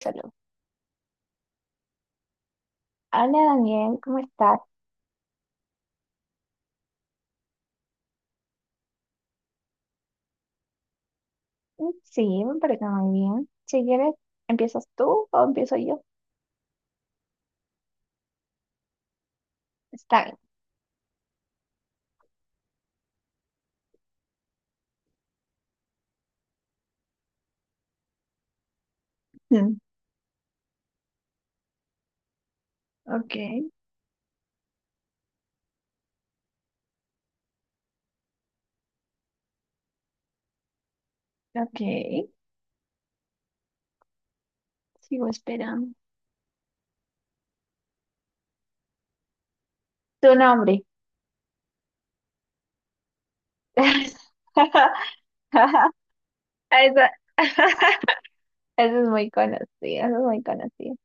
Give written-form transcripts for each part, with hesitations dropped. Salud. Hola Daniel, ¿cómo estás? Mm, sí, me parece muy bien. Si quieres, ¿empiezas tú o empiezo yo? Está bien. Mm, okay, okay, sigo esperando. Tu nombre. Eso, eso es muy conocido, eso es muy conocido.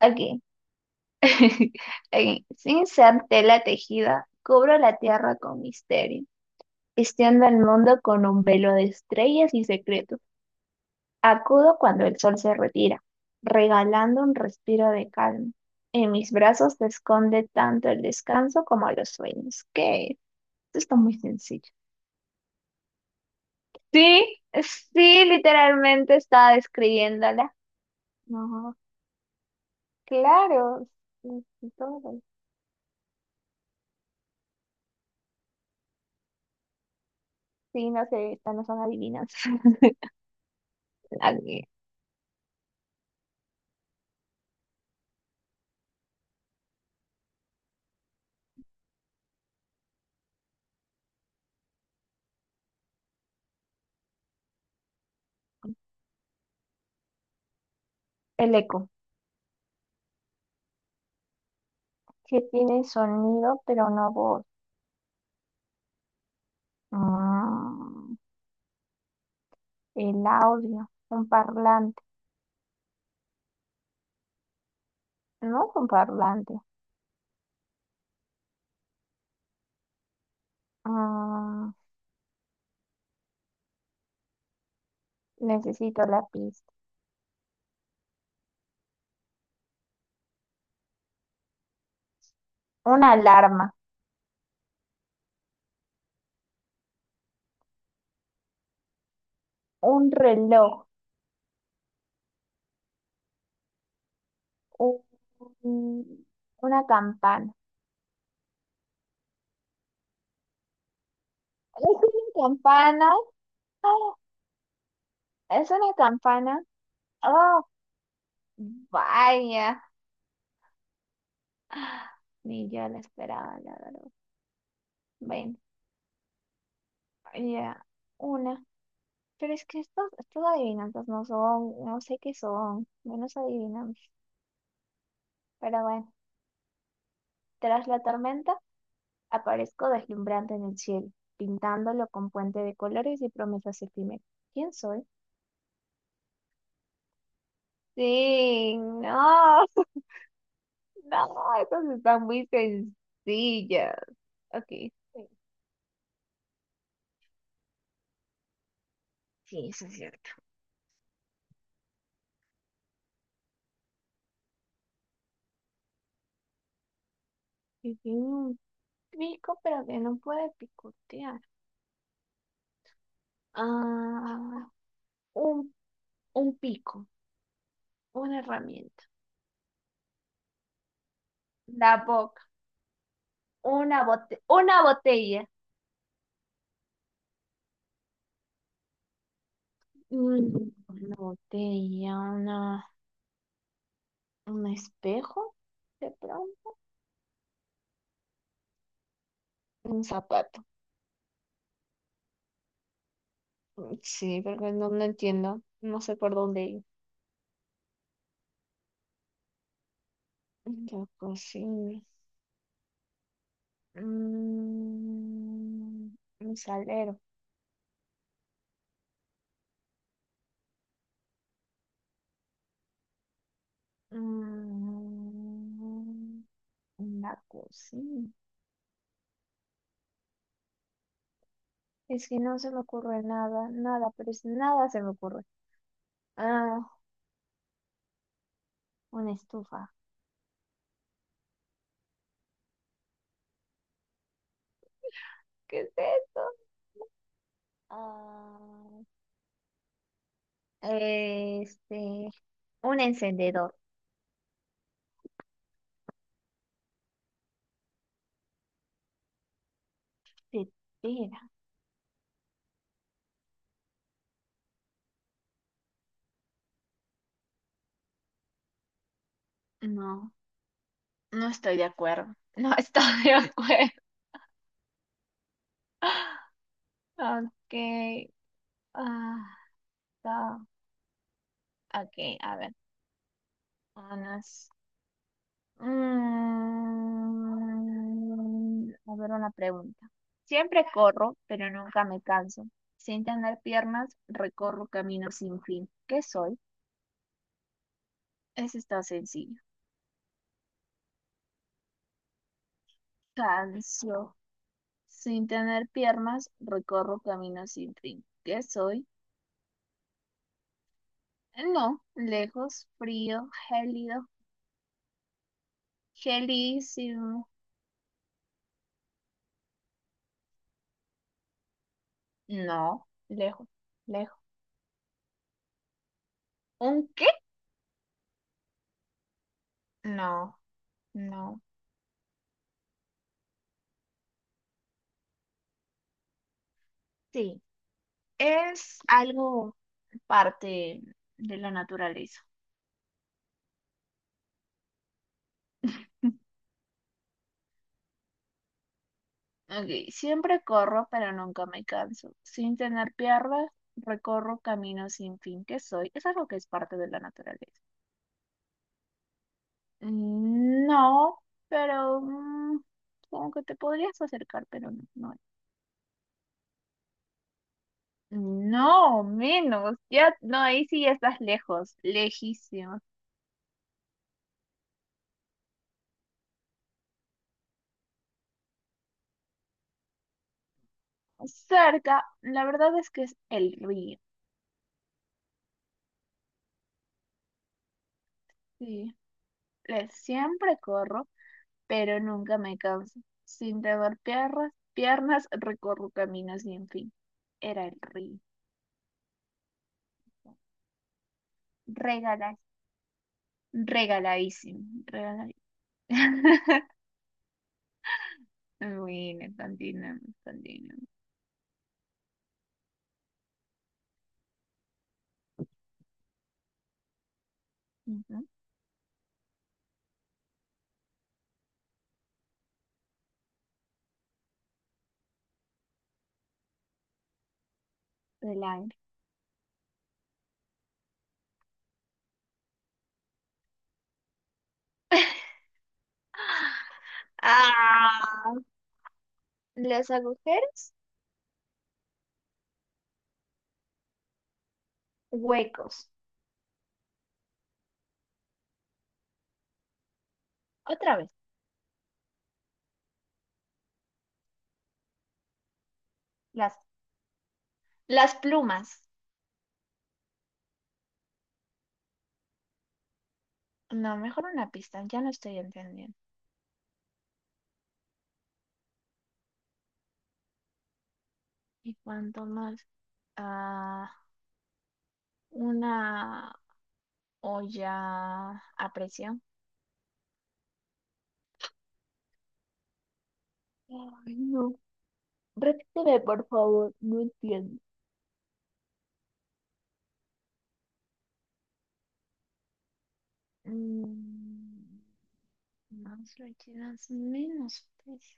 Ok. Ok. Sin ser tela tejida, cubro la tierra con misterio, vistiendo el mundo con un velo de estrellas y secretos. Acudo cuando el sol se retira, regalando un respiro de calma. En mis brazos se esconde tanto el descanso como los sueños. ¿Qué? Esto está muy sencillo. Sí, sí, literalmente estaba describiéndola. No, claro. Sí, sí, todo. Sí, no sé, estas no son adivinanzas. Alguien. El eco, que tiene sonido pero no voz. Mm, el audio, un parlante. No es un parlante. Mm, Necesito la pista. Una alarma, un reloj, un, una campana. Es una campana. Ah, es una campana. Oh, vaya. Ni yo la esperaba, la verdad. Bueno, ya, una. Pero es que estos, estos adivinanzas no son, no sé qué son, menos adivinamos. Pero bueno, tras la tormenta aparezco deslumbrante en el cielo, pintándolo con puente de colores y promesas efímeras. ¿Quién soy? Sí, no, no, esas están muy sencillas. Ok, sí. Sí, eso es cierto. Sí, sí, un pico, pero que no puede picotear. Ah, un, un pico, una herramienta, la boca, una bote, una botella. Mm, una botella, una, un espejo, de pronto, un zapato. Mm, sí, porque no, no entiendo, no sé por dónde ir. La cocina. Mm, un salero. Mm, una cocina. Es que no se me ocurre nada, nada, pero es nada se me ocurre. Ah, una estufa. ¿Qué es esto? Ah, este, un encendedor. Tetera. No, no estoy de acuerdo. No estoy de acuerdo. Ok. Ah, está. Ok, a ver. Unas. Mm, a ver una pregunta. Siempre corro, pero nunca me canso. Sin tener piernas, recorro caminos sin fin. ¿Qué soy? Eso está sencillo. Cancio. Sin tener piernas, recorro caminos sin fin. ¿Qué soy? No, lejos, frío, gélido, gelísimo. No, lejos, lejos. ¿Un qué? No, no. Sí, es algo parte de la naturaleza. Ok, siempre corro, pero nunca me canso. Sin tener piernas, recorro caminos sin fin que soy. Eso es lo que es parte de la naturaleza. Mm, no, pero mm, supongo que te podrías acercar, pero no, no es. No, menos. Ya, no, ahí sí ya estás lejos, lejísimo. Cerca, la verdad es que es el río. Sí, le, siempre corro pero nunca me canso. Sin temor piernas, piernas recorro caminos sin fin. Era el río. Regala, regaladísimo, regaladísimo. Bueno, continuamos, continuamos. Ujú, del aire. Ah, los agujeros, huecos. Otra vez, las, las plumas. No, mejor una pista, ya no estoy entendiendo. Y cuanto más, ah, una o ya aprecio. Ay, no. Repíteme, por favor, no entiendo. Mm, más líquidas, menos precio.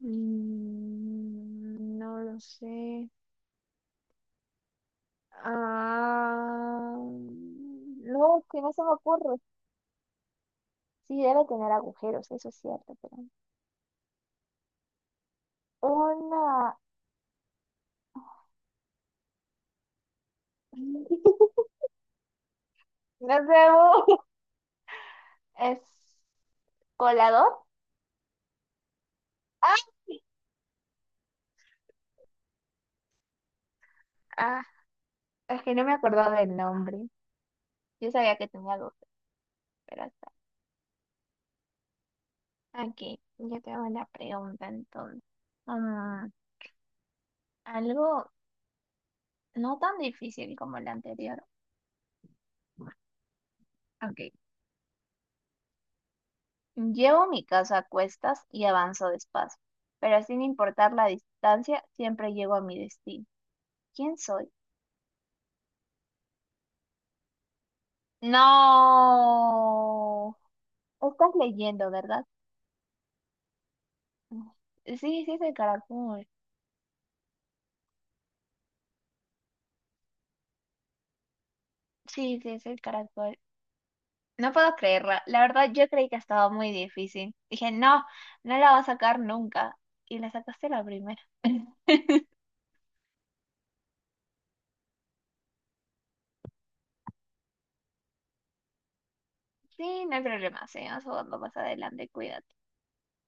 Mm, no lo sé. Ah, no, que no se me ocurre. Sí, debe tener agujeros, eso es cierto, pero una… No sé, ¿es colador? Ah, ah, es que no me acordaba del nombre. Yo sabía que tenía 12, pero hasta aquí. Yo te hago una pregunta entonces. Mm, algo no tan difícil como la anterior. Ok. Llevo mi casa a cuestas y avanzo despacio, pero sin importar la distancia, siempre llego a mi destino. ¿Quién soy? No. Estás leyendo, ¿verdad? Sí, sí es el caracol. Sí, sí es el caracol. No puedo creerla. La verdad, yo creí que estaba muy difícil. Dije, no, no la va a sacar nunca. Y la sacaste la primera. Sí, no hay problema. Seguimos jugando más adelante. Cuídate.